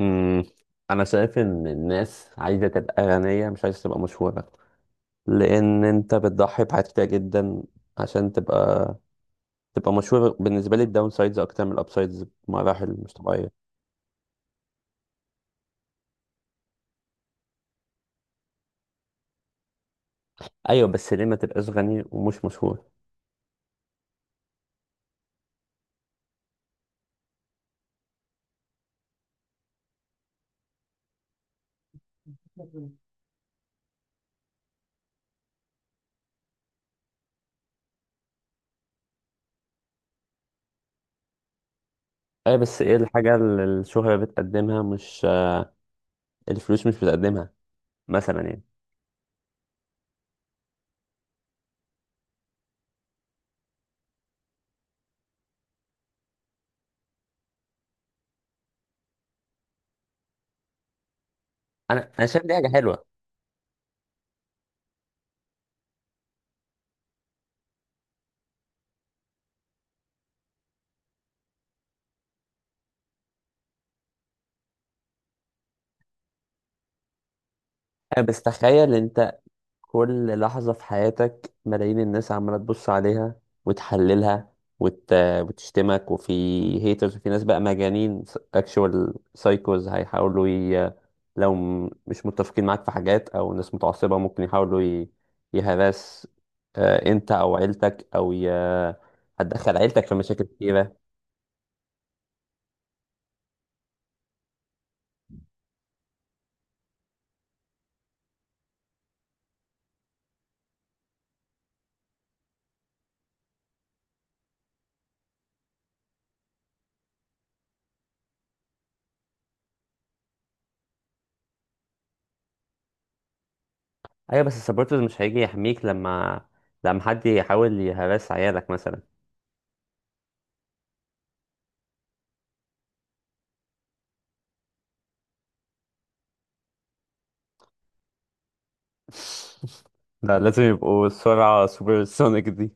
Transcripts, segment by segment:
مم. انا شايف ان الناس عايزه تبقى غنيه، مش عايزه تبقى مشهوره، لان انت بتضحي بحاجات كتير جدا عشان تبقى مشهور. بالنسبه لي الداون سايدز اكتر من الاب سايدز بمراحل مش طبيعيه. ايوه، بس ليه ما تبقاش غني ومش مشهور؟ ايوه، بس ايه الحاجه اللي الشهره بتقدمها مش الفلوس مش بتقدمها؟ مثلا يعني، انا شايف دي حاجه حلوه. أيوة، بس تخيل انت كل لحظة في حياتك ملايين الناس عمالة تبص عليها، وتحللها، وت... وتشتمك، وفي هيترز، وفي ناس بقى مجانين، اكشوال سايكوز لو مش متفقين معاك في حاجات، او ناس متعصبة ممكن يحاولوا يهرس انت او عيلتك هتدخل عيلتك في مشاكل كتيرة. ايوه، بس السبورترز مش هيجي يحميك لما حد يحاول يهرس عيالك مثلا. لا، لازم يبقوا السرعة سوبر سونيك دي.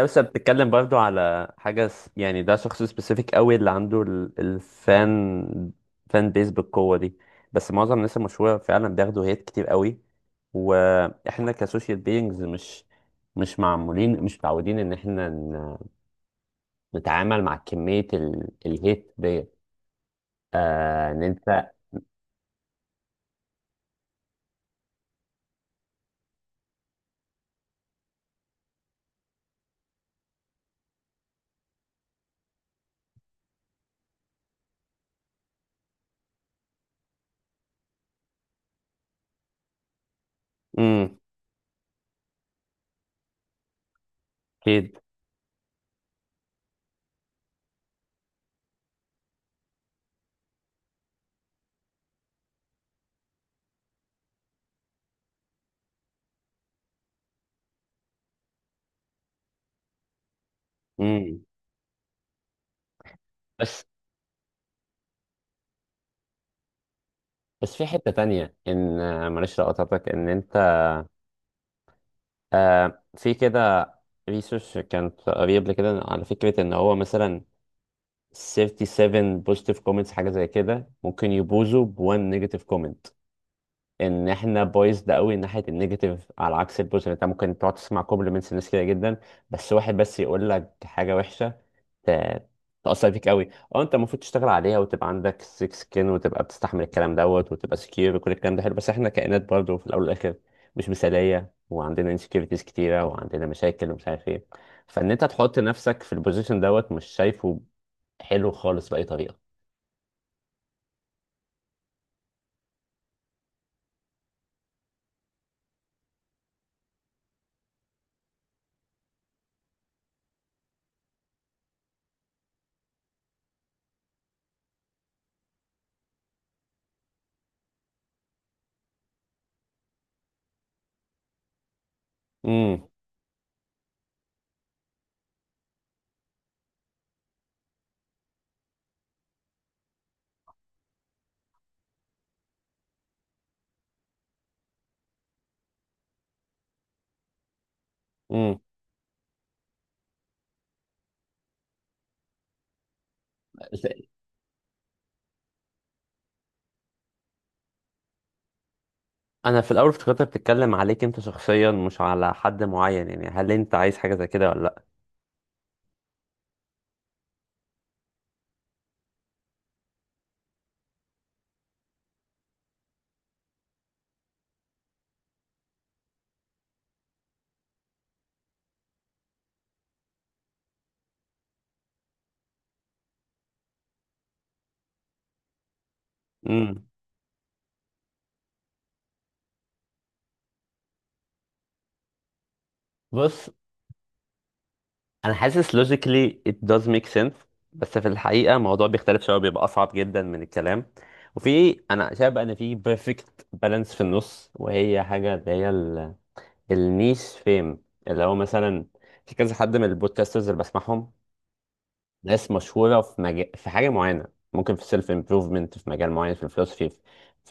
بس بتتكلم برضو على حاجة يعني، ده شخص سبيسيفيك قوي اللي عنده الفان فان بيز بالقوة دي. بس معظم الناس المشهورة فعلا بياخدوا هيت كتير قوي، واحنا كسوشيال بيينجز مش معمولين، مش متعودين ان احنا نتعامل مع كمية الهيت دي. ان انت. امم اكيد. امم بس بس في حتة تانية، ان معلش لو قطعتك، ان انت في كده ريسيرش كانت قريب كده على فكرة ان هو مثلا 37 بوزيتيف كومنتس، حاجة زي كده ممكن يبوظوا ب 1 نيجاتيف كومنت. ان احنا بايظ ده قوي ناحية النيجاتيف على عكس البوزيتيف. انت ممكن تقعد تسمع كومبلمنتس لناس كده جدا، بس واحد بس يقول لك حاجة وحشة ت- تأثر فيك قوي. اه، انت المفروض تشتغل عليها وتبقى عندك سيك سكين وتبقى بتستحمل الكلام دوت وتبقى سكيور وكل الكلام ده حلو، بس احنا كائنات برضه في الاول والاخر مش مثاليه، وعندنا انسكيورتيز كتيره وعندنا مشاكل ومش عارف ايه. فان انت تحط نفسك في البوزيشن دوت، مش شايفه حلو خالص باي طريقه. امم امم انا في الاول افتكرت بتتكلم عليك انت شخصيا مش على حد معين، يعني هل انت عايز حاجه زي كده ولا لا؟ امم بص، انا حاسس logically it does make sense، بس في الحقيقه الموضوع بيختلف شويه، بيبقى اصعب جدا من الكلام. وفي، انا شايف بقى ان في perfect balance في النص، وهي حاجه اللي هي النيش فيم، اللي هو مثلا في كذا حد من البودكاسترز اللي بسمعهم، ناس مشهوره في مجال، في حاجه معينه، ممكن في سيلف امبروفمنت في مجال معين، في الفلوسفي، في في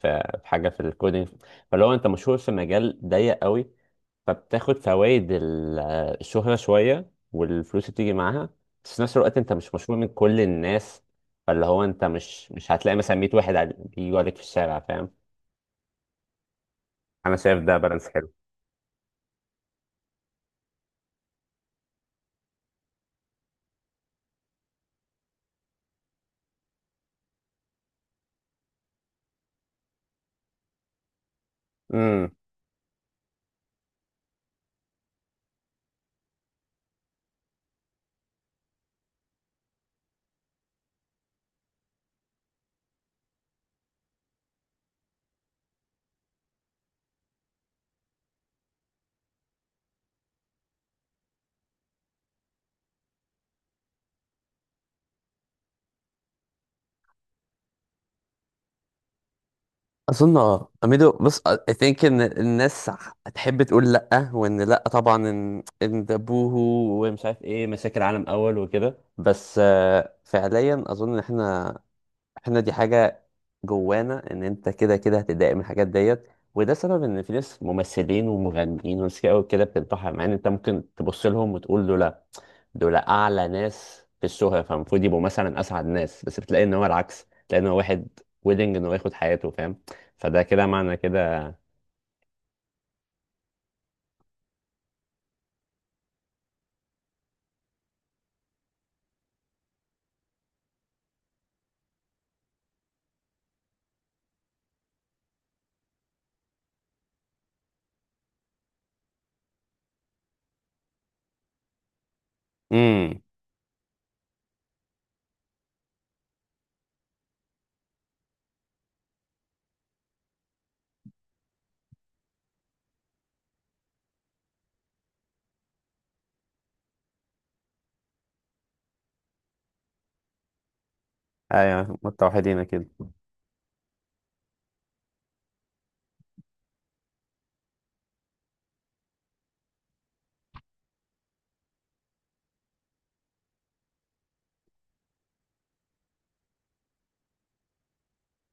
في في حاجه في الكودينج. فاللي هو انت مشهور في مجال ضيق قوي، فبتاخد فوائد الشهرة شوية والفلوس اللي بتيجي معاها. بس في نفس الوقت انت مش مشهور من كل الناس، فاللي هو انت مش هتلاقي مثلا 100 واحد بيجوا عليك في الشارع، فاهم؟ انا شايف ده بالانس حلو. امم اظن، اه اميدو، بص I think ان الناس هتحب تقول لا، وان لا طبعا، ان ده بوهو ومش عارف ايه، مشاكل عالم اول وكده. بس فعليا اظن ان احنا دي حاجة جوانا، ان انت كده كده هتتضايق من الحاجات ديت. وده سبب ان في ناس ممثلين ومغنيين وناس كده وكده بتنتحر، مع ان انت ممكن تبص لهم وتقول له لا، دول اعلى ناس في الشهرة فالمفروض يبقوا مثلا اسعد ناس، بس بتلاقي ان هو العكس، تلاقي ان هو واحد ويدنج ان هو ياخد حياته، فاهم؟ فده كده معنى كده. امم ايوه، متوحدين كده.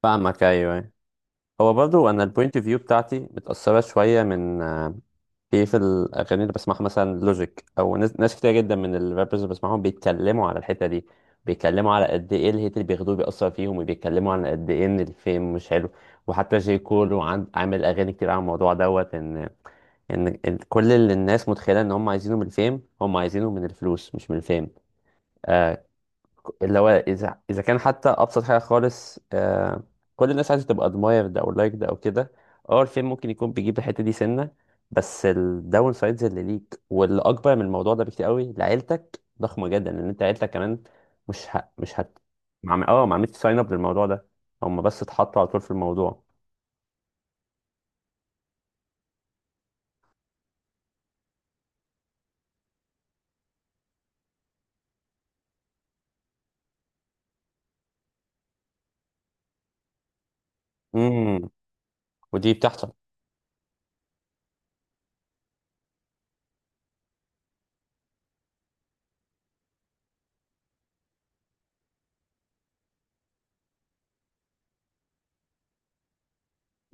فاهمك، ايوه، أيوة. هو برضو انا البوينت اوف فيو بتاعتي متأثرة شوية من، في الاغاني اللي بسمعها مثلا لوجيك، او ناس كتير جدا من الرابرز اللي بسمعهم، بيتكلموا على الحته دي، بيتكلموا على قد ايه الهيت اللي بياخدوه بيأثر فيهم، وبيتكلموا على قد ايه ان الفيم مش حلو. وحتى جي كول عامل اغاني كتير على الموضوع دوت، ان ان إن كل اللي الناس متخيله ان هم عايزينه من الفيم، هم عايزينه من الفلوس مش من الفيم. اللي هو اذا كان حتى ابسط حاجه خالص، كل الناس عايزه تبقى ادمايرد او لايكد او كده. اه، الفيلم ممكن يكون بيجيب الحته دي سنه، بس الداون سايدز اللي ليك واللي اكبر من الموضوع ده بكتير قوي لعيلتك ضخمه جدا، ان انت عيلتك كمان مش ه... مش هت مع... اه ما عملتش ساين اب للموضوع ده، هم بس اتحطوا على طول في الموضوع. امم ودي بتحصل.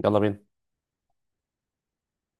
يلا بينا.